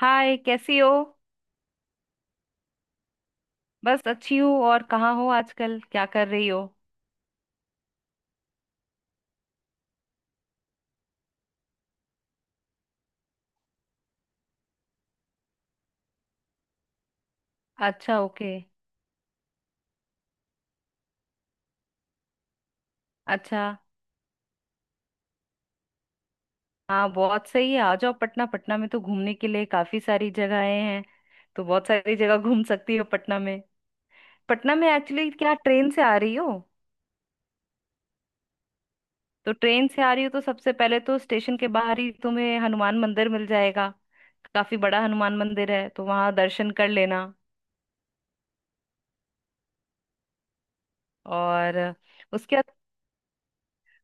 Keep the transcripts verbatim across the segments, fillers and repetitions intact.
हाय, कैसी हो। बस अच्छी हूँ। और कहाँ हो आजकल, क्या कर रही हो? अच्छा, ओके। अच्छा। हाँ बहुत सही है, आ जाओ पटना। पटना में तो घूमने के लिए काफी सारी जगहें हैं, तो बहुत सारी जगह घूम सकती हो पटना में। पटना में एक्चुअली, क्या ट्रेन से आ रही हो? तो ट्रेन से आ रही हो तो सबसे पहले तो स्टेशन के बाहर ही तुम्हें हनुमान मंदिर मिल जाएगा। काफी बड़ा हनुमान मंदिर है, तो वहाँ दर्शन कर लेना। और उसके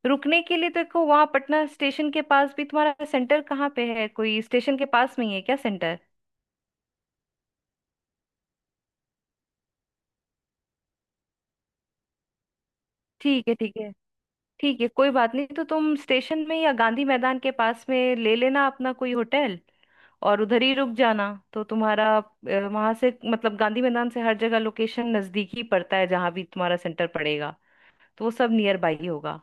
रुकने के लिए देखो, वहां पटना स्टेशन के पास भी, तुम्हारा सेंटर कहाँ पे है? कोई स्टेशन के पास में ही है क्या सेंटर? ठीक है। ठीक है, ठीक है, कोई बात नहीं। तो तुम स्टेशन में या गांधी मैदान के पास में ले लेना अपना कोई होटल, और उधर ही रुक जाना। तो तुम्हारा वहां से, मतलब गांधी मैदान से हर जगह लोकेशन नजदीक ही पड़ता है। जहां भी तुम्हारा सेंटर पड़ेगा, तो वो सब नियर बाई ही होगा।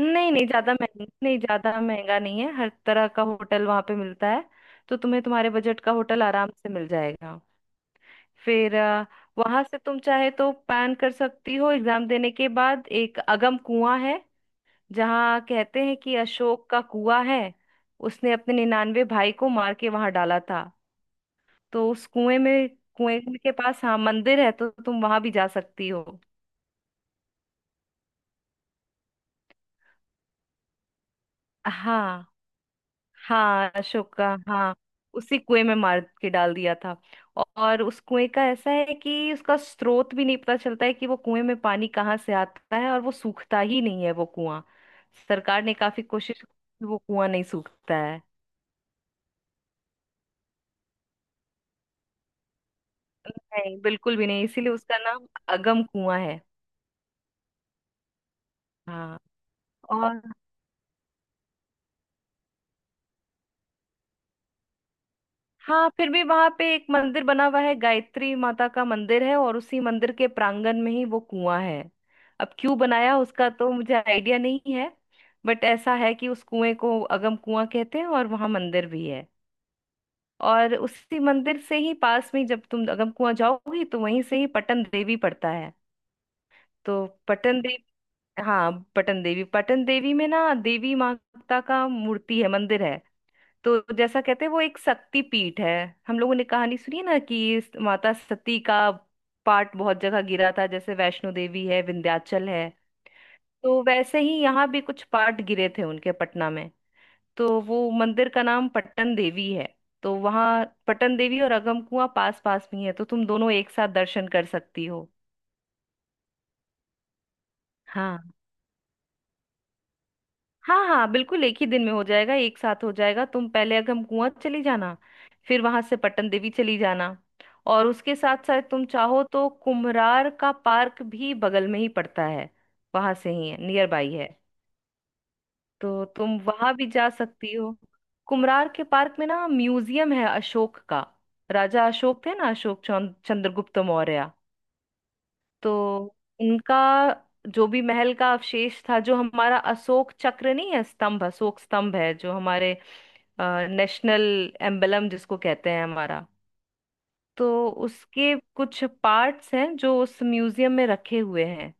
नहीं नहीं, ज्यादा महंगा नहीं, ज्यादा महंगा नहीं है। हर तरह का होटल वहां पे मिलता है, तो तुम्हें तुम्हारे बजट का होटल आराम से मिल जाएगा। फिर अ, वहां से तुम चाहे तो पैन कर सकती हो एग्जाम देने के बाद। एक अगम कुआं है जहाँ कहते हैं कि अशोक का कुआं है। उसने अपने निन्यानवे भाई को मार के वहां डाला था, तो उस कुएं में। कुएं के पास हाँ मंदिर है, तो तुम वहां भी जा सकती हो। हाँ। हाँ, अशोक का हाँ। उसी कुएं में मार के डाल दिया था। और उस कुएं का ऐसा है कि उसका स्रोत भी नहीं पता चलता है कि वो कुएं में पानी कहाँ से आता है, और वो सूखता ही नहीं है वो कुआं। सरकार ने काफी कोशिश की कि वो, कुआं नहीं सूखता है। नहीं, बिल्कुल भी नहीं। इसीलिए उसका नाम अगम कुआं है। हाँ। और हाँ, फिर भी वहां पे एक मंदिर बना हुआ है। गायत्री माता का मंदिर है, और उसी मंदिर के प्रांगण में ही वो कुआं है। अब क्यों बनाया उसका तो मुझे आइडिया नहीं है। बट ऐसा है कि उस कुएं को अगम कुआं कहते हैं और वहां मंदिर भी है। और उसी मंदिर से ही पास में, जब तुम अगम कुआं जाओगी तो वहीं से ही पटन देवी पड़ता है। तो पटन देवी, हाँ पटन देवी। पटन देवी में ना देवी माता का मूर्ति है, मंदिर है। तो जैसा कहते हैं वो एक शक्ति पीठ है। हम लोगों ने कहानी सुनी है ना कि इस माता सती का पार्ट बहुत जगह गिरा था, जैसे वैष्णो देवी है, विंध्याचल है। तो वैसे ही यहाँ भी कुछ पार्ट गिरे थे उनके पटना में, तो वो मंदिर का नाम पट्टन देवी है। तो वहाँ पट्टन देवी और अगम कुआं पास पास में ही है, तो तुम दोनों एक साथ दर्शन कर सकती हो। हाँ। हाँ हाँ, बिल्कुल एक ही दिन में हो जाएगा, एक साथ हो जाएगा। तुम पहले अगम कुआं चली जाना, फिर वहां से पटन देवी चली जाना। और उसके साथ साथ तुम चाहो तो कुम्हरार का पार्क भी बगल में ही पड़ता है। वहां से ही है, नियर बाई है। तो तुम वहां भी जा सकती हो। कुम्हरार के पार्क में ना म्यूजियम है अशोक का। राजा अशोक थे ना, अशोक चौन- चंद्रगुप्त मौर्य। तो उनका जो भी महल का अवशेष था, जो हमारा अशोक चक्र नहीं है, स्तंभ, अशोक स्तंभ है, जो हमारे नेशनल एम्बलम जिसको कहते हैं हमारा। तो उसके कुछ पार्ट्स हैं जो उस म्यूजियम में रखे हुए हैं।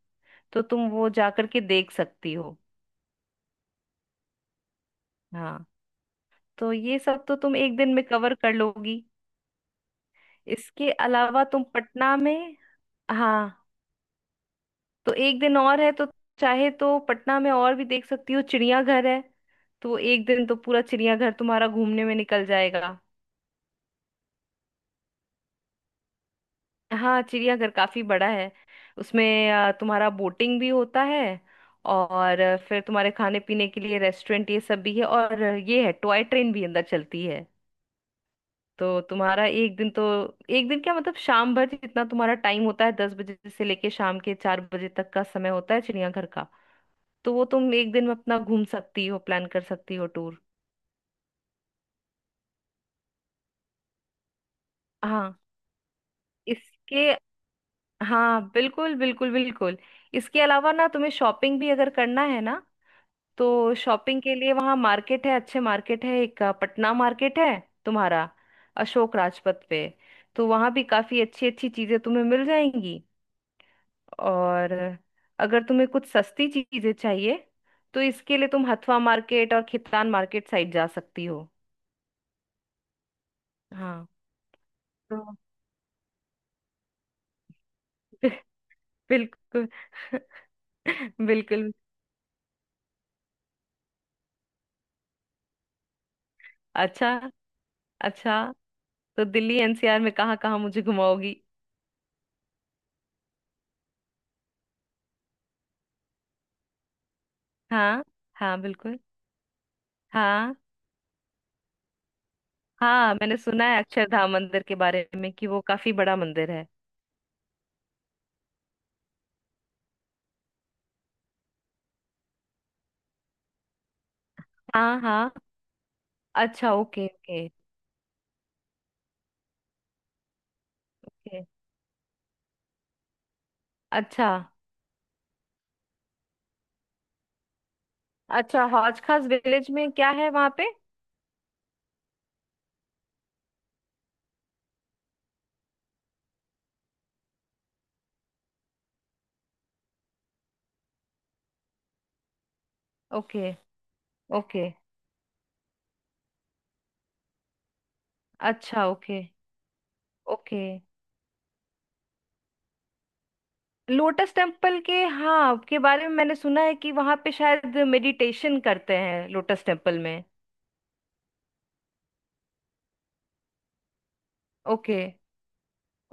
तो तुम वो जाकर के देख सकती हो। हाँ। तो ये सब तो तुम एक दिन में कवर कर लोगी। इसके अलावा तुम पटना में। हाँ, तो एक दिन और है, तो चाहे तो पटना में और भी देख सकती हो। चिड़ियाघर है, तो एक दिन तो पूरा चिड़ियाघर तुम्हारा घूमने में निकल जाएगा। हाँ, चिड़ियाघर काफी बड़ा है। उसमें अ, तुम्हारा बोटिंग भी होता है। और अ, फिर तुम्हारे खाने पीने के लिए रेस्टोरेंट ये सब भी है, और अ, ये है टॉय ट्रेन भी अंदर चलती है। तो तुम्हारा एक दिन तो, एक दिन क्या मतलब शाम भर, जितना तुम्हारा टाइम होता है, दस बजे से लेके शाम के चार बजे तक का समय होता है चिड़ियाघर का। तो वो तुम एक दिन में अपना घूम सकती हो, प्लान कर सकती हो टूर। हाँ। इसके, हाँ बिल्कुल बिल्कुल बिल्कुल। इसके अलावा ना, तुम्हें शॉपिंग भी अगर करना है ना, तो शॉपिंग के लिए वहाँ मार्केट है, अच्छे मार्केट है। एक अ, पटना मार्केट है तुम्हारा, अशोक राजपथ पे। तो वहाँ भी काफ़ी अच्छी अच्छी चीज़ें तुम्हें मिल जाएंगी। और अगर तुम्हें कुछ सस्ती चीज़ें चाहिए, तो इसके लिए तुम हथवा मार्केट और खितान मार्केट साइड जा सकती हो। हाँ। तो बिल्कुल। बिल्कुल। अच्छा, अच्छा। तो दिल्ली एनसीआर में कहाँ कहाँ मुझे घुमाओगी? हाँ हाँ बिल्कुल। हाँ हाँ, मैंने सुना है अक्षरधाम मंदिर के बारे में कि वो काफी बड़ा मंदिर है। हाँ हाँ। अच्छा, ओके ओके। ओके। अच्छा। अच्छा, हौज खास विलेज में क्या है वहां पे? ओके। ओके। अच्छा ओके। ओके। लोटस टेम्पल के, हाँ, के बारे में मैंने सुना है कि वहां पे शायद मेडिटेशन करते हैं लोटस टेम्पल में। Okay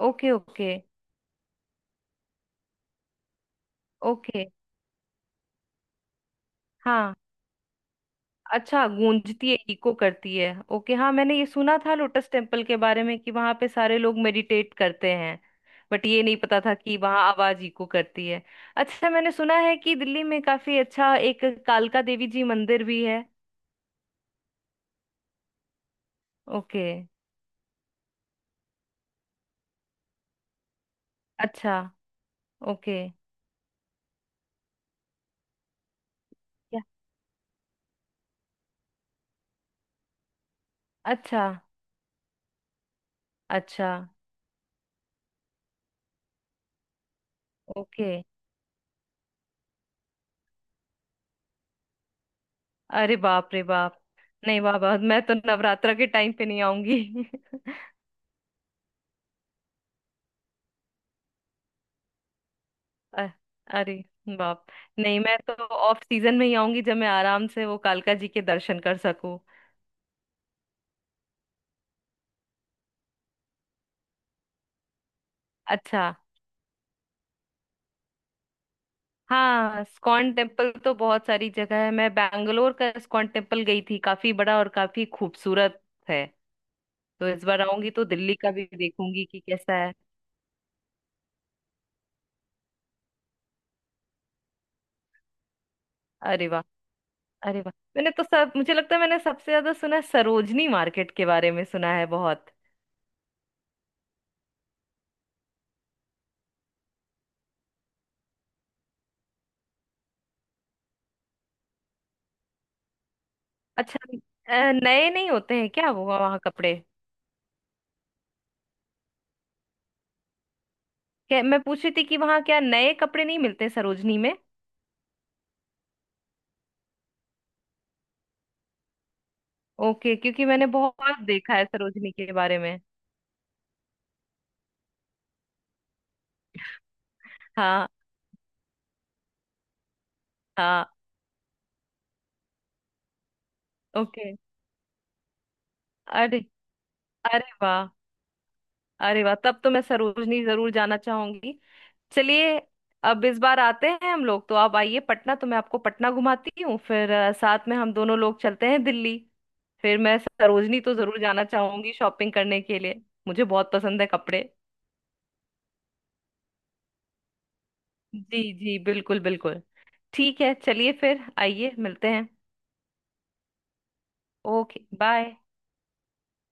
okay. Okay okay. हाँ। अच्छा, गूंजती है, इको करती है। ओके, हाँ मैंने ये सुना था लोटस टेम्पल के बारे में कि वहां पे सारे लोग मेडिटेट करते हैं। बट ये नहीं पता था कि वहां आवाज इको करती है। अच्छा, मैंने सुना है कि दिल्ली में काफी अच्छा एक कालका देवी जी मंदिर भी है। ओके। अच्छा। ओके। क्या? अच्छा। अच्छा। ओके। अरे बाप रे बाप, नहीं बाबा, मैं तो नवरात्रा के टाइम पे नहीं आऊंगी। अ- अरे बाप। नहीं मैं तो ऑफ सीजन में ही आऊंगी, जब मैं आराम से वो कालका जी के दर्शन कर सकूं। अच्छा। हाँ, स्कॉन टेम्पल तो बहुत सारी जगह है। मैं बैंगलोर का स्कॉन टेम्पल गई थी, काफी बड़ा और काफी खूबसूरत है। तो इस बार आऊंगी तो दिल्ली का भी देखूंगी कि कैसा है। अरे वाह। अरे वाह, मैंने तो सब, मुझे लगता है मैंने सबसे ज्यादा सुना है सरोजनी मार्केट के बारे में, सुना है बहुत। अच्छा, अ, नए नहीं होते हैं क्या वो वहाँ कपड़े? क्या, मैं पूछ रही थी कि वहां क्या नए कपड़े नहीं मिलते सरोजनी में? ओके, क्योंकि मैंने बहुत देखा है सरोजनी के बारे में। हाँ। हाँ। ओके। अरे। अरे वाह। अरे वाह, तब तो मैं सरोजनी जरूर जाना चाहूंगी। चलिए, अब इस बार आते हैं हम लोग, तो आप आइए पटना, तो मैं आपको पटना घुमाती हूँ। फिर अ, साथ में हम दोनों लोग चलते हैं दिल्ली। फिर मैं सरोजनी तो जरूर जाना चाहूंगी शॉपिंग करने के लिए। मुझे बहुत पसंद है कपड़े। जी जी, बिल्कुल बिल्कुल। ठीक है, चलिए फिर आइए, मिलते हैं। Okay bye.